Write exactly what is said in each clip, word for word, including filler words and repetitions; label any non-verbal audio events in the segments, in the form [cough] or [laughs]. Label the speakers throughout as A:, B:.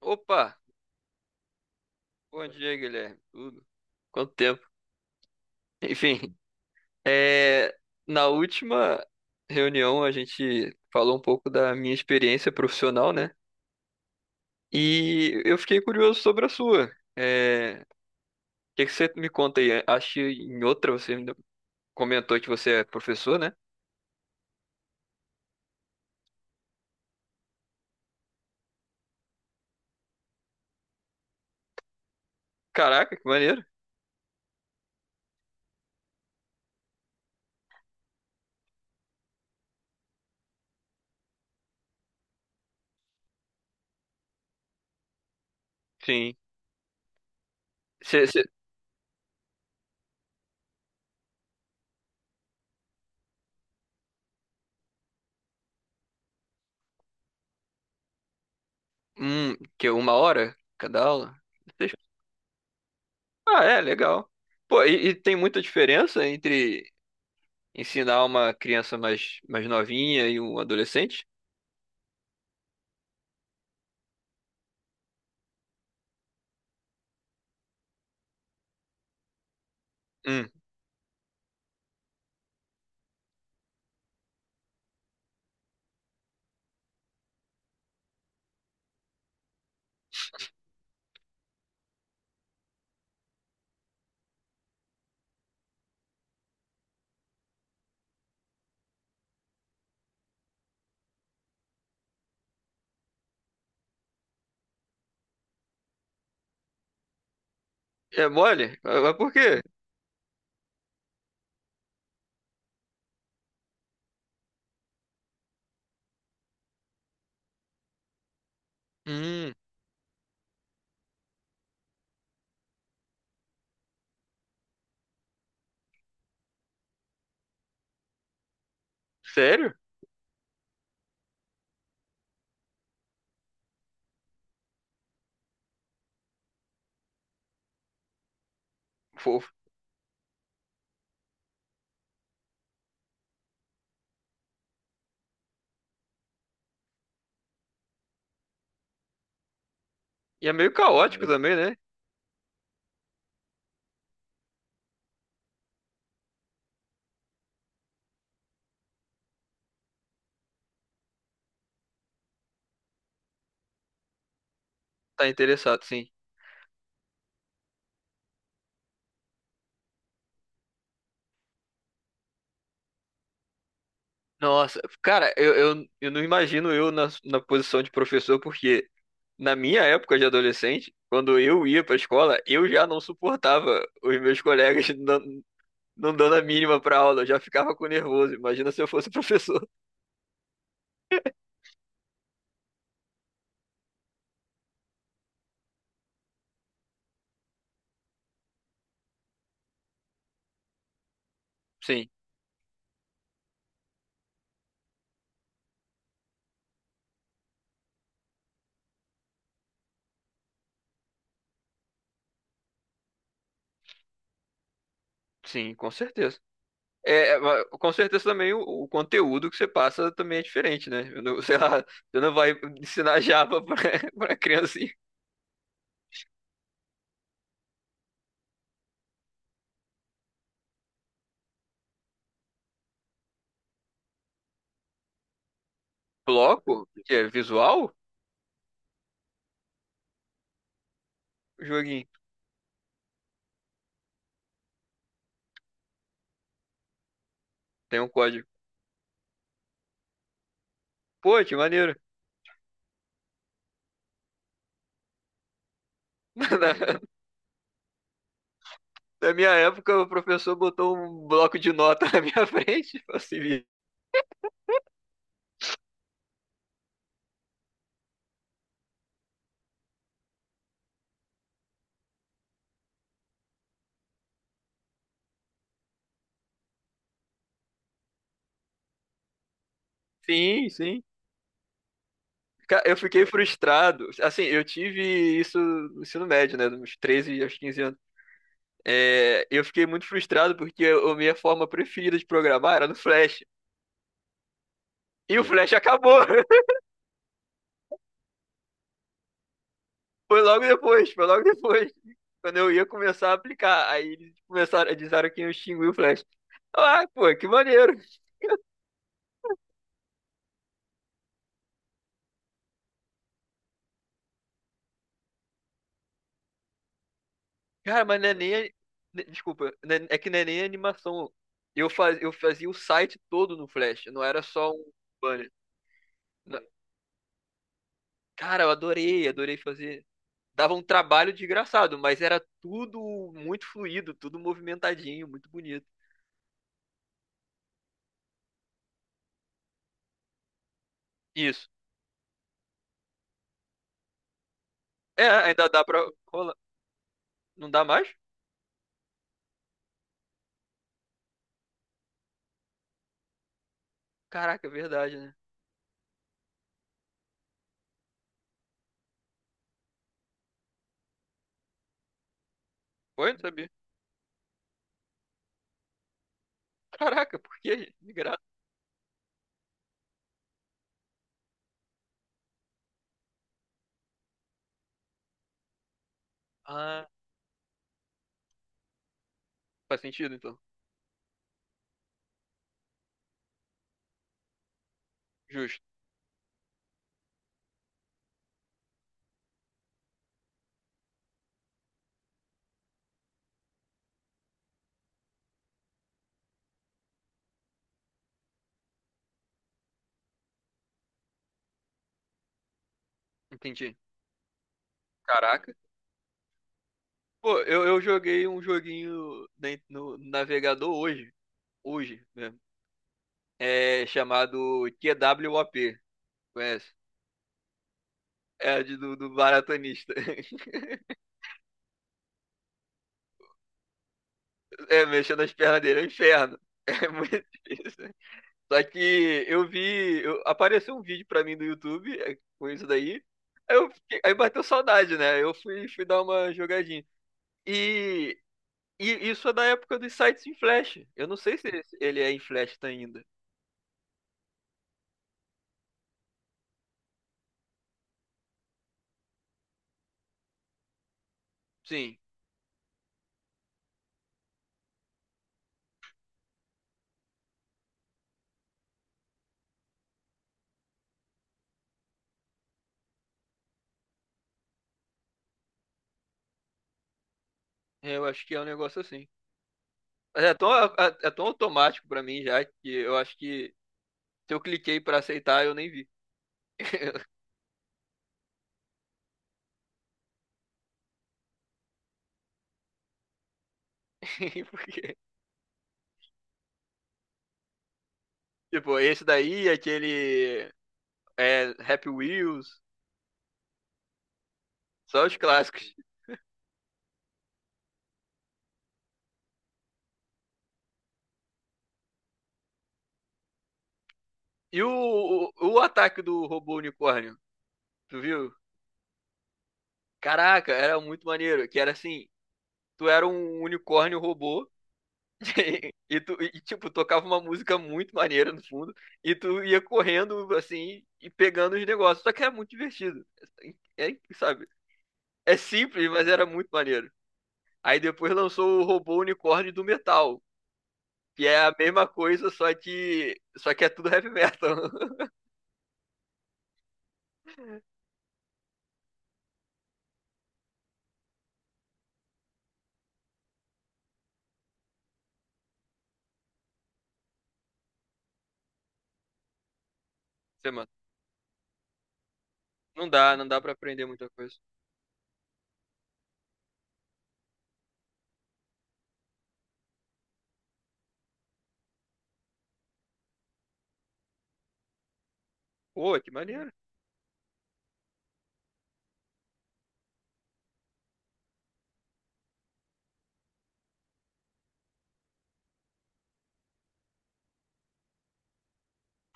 A: Opa! Bom dia, Guilherme. Tudo? Quanto tempo? [laughs] Enfim, é, na última reunião a gente falou um pouco da minha experiência profissional, né? E eu fiquei curioso sobre a sua. É, O que que você me conta aí? Acho que em outra você ainda comentou que você é professor, né? Caraca, que maneiro. Sim. Você, você... Hum, que é uma hora cada aula? Vocês- Ah, é, legal. Pô, e, e tem muita diferença entre ensinar uma criança mais, mais novinha e um adolescente? Hum. É mole? Ah, mas por quê? Hum. Sério? Fofo. E é meio caótico também, né? Tá interessado, sim. Nossa, cara, eu, eu, eu não imagino eu na, na posição de professor, porque na minha época de adolescente, quando eu ia pra escola, eu já não suportava os meus colegas [laughs] não, não dando a mínima pra aula, eu já ficava com nervoso. Imagina se eu fosse [laughs] professor. Sim, sim, com certeza. É, mas com certeza também o, o conteúdo que você passa também é diferente, né? Eu não- [laughs] sei lá, você não vai ensinar Java pra, [laughs] pra criancinha. Bloco, que é visual, joguinho, tem um código. Pô, que maneiro. [laughs] Na, na minha época, o professor botou um bloco de nota [laughs] na minha frente, falou assim, sim, sim. Ca- Eu fiquei frustrado. Assim, eu tive isso no ensino médio, né? Dos treze aos quinze anos. É, eu fiquei muito frustrado porque a a minha forma preferida de programar era no Flash. E o flash acabou. [laughs] Foi logo depois, foi logo depois. Quando eu ia começar a aplicar. Aí eles começaram, disseram que eu extingui o flash. Ah, pô, que maneiro. Cara, mas não é nem. a- ne- Desculpa, não é é que não é nem a animação. Eu, faz, eu fazia o site todo no flash, não era só um banner. Na- Cara, eu adorei, adorei fazer. Dava um trabalho desgraçado, mas era tudo muito fluido, tudo movimentadinho, muito bonito. Isso. É, ainda dá pra rolar. Não dá mais? Caraca, é verdade, né? Oi, não sabia. Caraca, por quê? De graça. Ah, faz sentido então. Justo. Entendi. Caraca. Pô, eu, eu joguei um joguinho na no navegador hoje. Hoje mesmo. É chamado QWOP. Conhece? É a de, do, do maratonista. [laughs] É, mexendo as pernas dele é um inferno. [laughs] É muito difícil. Só que eu vi. Eu- apareceu um vídeo pra mim do YouTube é, com isso daí. Aí, eu fiquei- aí bateu saudade, né? Eu fui, fui dar uma jogadinha. E, e isso é da época dos sites em Flash. Eu não sei se ele é em Flash tá ainda. Sim, eu acho que é um negócio assim. Mas é tão, é, é tão automático pra mim já que eu acho que se eu cliquei pra aceitar, eu nem vi. [laughs] Porque, tipo, esse daí, aquele é, Happy Wheels, só os clássicos. E o, o, o ataque do robô unicórnio, tu viu? Caraca, era muito maneiro. Que era assim, tu era um unicórnio robô [laughs] E, tu, e, tipo, tocava uma música muito maneira no fundo, e tu ia correndo assim e pegando os negócios. Só que era muito divertido. É, é, sabe? É simples, mas era muito maneiro. Aí depois lançou o Robô Unicórnio do Metal, que é a mesma coisa, só que só que é tudo heavy metal. [laughs] Você, mano, não dá, não dá para aprender muita coisa. Pô, que maneiro.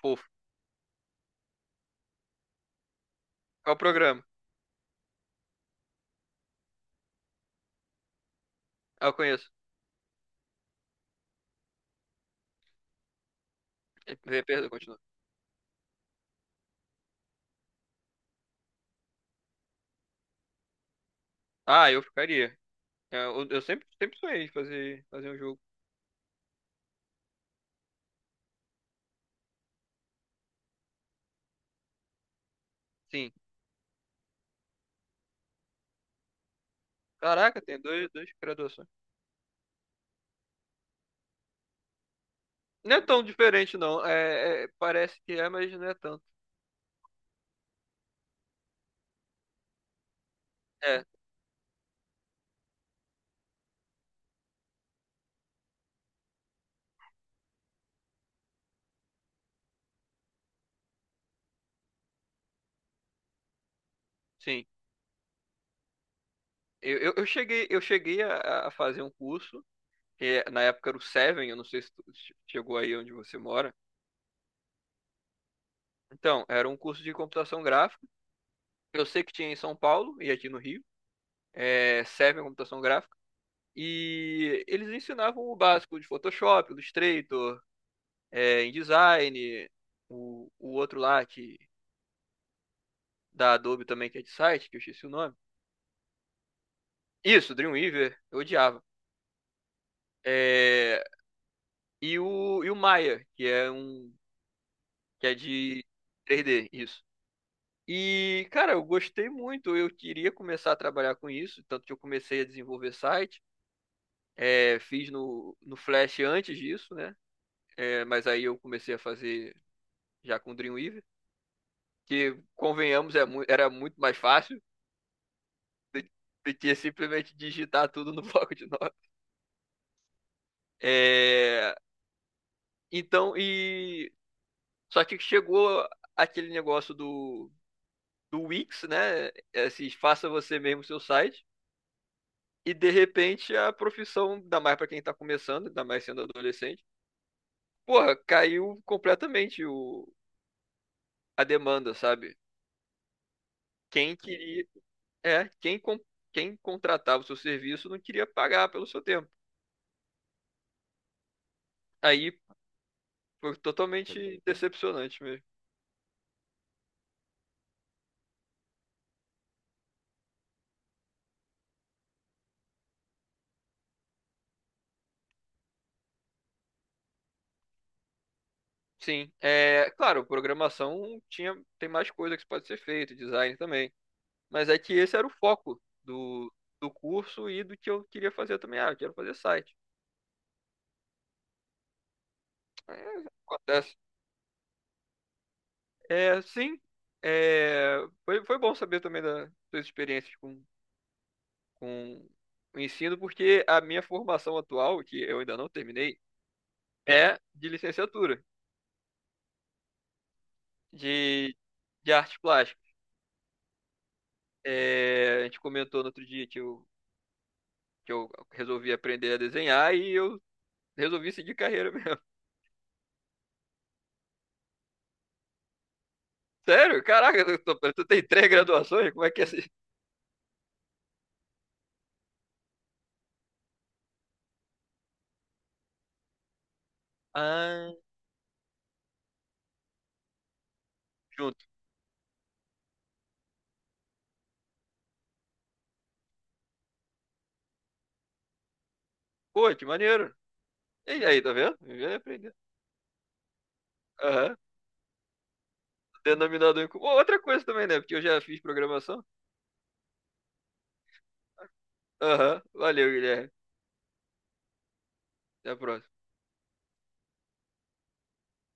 A: Fofo. Qual o programa? Ah, eu conheço. É, per- perdão, continua. Ah, eu ficaria. É, Eu, eu sempre, sempre sonhei em fazer, fazer um jogo. Sim. Caraca, tem dois, dois graduações. Não é tão diferente, não. É, é- parece que é, mas não é tanto. É, sim. Eu, eu, eu cheguei, eu cheguei a, a fazer um curso, que na época era o Seven, eu não sei se tu che- chegou aí onde você mora. Então, era um curso de computação gráfica. Eu sei que tinha em São Paulo e aqui no Rio. É, Seven Computação Gráfica. E eles ensinavam o básico de Photoshop, Illustrator, é, InDesign, o, o outro lá que, da Adobe também, que é de site, que eu esqueci o nome. Isso, Dreamweaver, eu odiava. É, e o, e o Maya, que é um. Que é de três dê, isso. E, cara, eu gostei muito, eu queria começar a trabalhar com isso, tanto que eu comecei a desenvolver site. É, fiz no, no Flash antes disso, né? É, mas aí eu comecei a fazer já com Dreamweaver, que, convenhamos, é mu- era muito mais fácil do do que simplesmente digitar tudo no [laughs] bloco de notas. É, então, e só que chegou aquele negócio do, do Wix, né? Esses faça você mesmo seu site. E de repente a profissão, ainda mais para quem tá começando, ainda mais sendo adolescente, porra, caiu completamente o, a demanda, sabe? Quem queria. É, quem, com- quem contratava o seu serviço não queria pagar pelo seu tempo. Aí foi totalmente decepcionante mesmo. Sim, é, claro, programação tinha, tem mais coisa que pode ser feito, design também. Mas é que esse era o foco do, do curso e do que eu queria fazer também. Ah, eu quero fazer site. É, acontece. É, sim, é, foi, foi bom saber também das suas experiências com, com o ensino, porque a minha formação atual, que eu ainda não terminei, é de licenciatura, de, de artes plásticas. É, a gente comentou no outro dia que eu, que eu resolvi aprender a desenhar e eu resolvi seguir carreira [laughs] mesmo. Sério? Caraca, tu, tu tem três graduações? Como é que é assim? Ah, junto. Pô, que maneiro. E aí, tá vendo? Vivendo e aprendendo. Aham. Denominador em comum. Outra coisa também, né? Porque eu já fiz programação. Aham. Valeu, Guilherme. Até a próxima.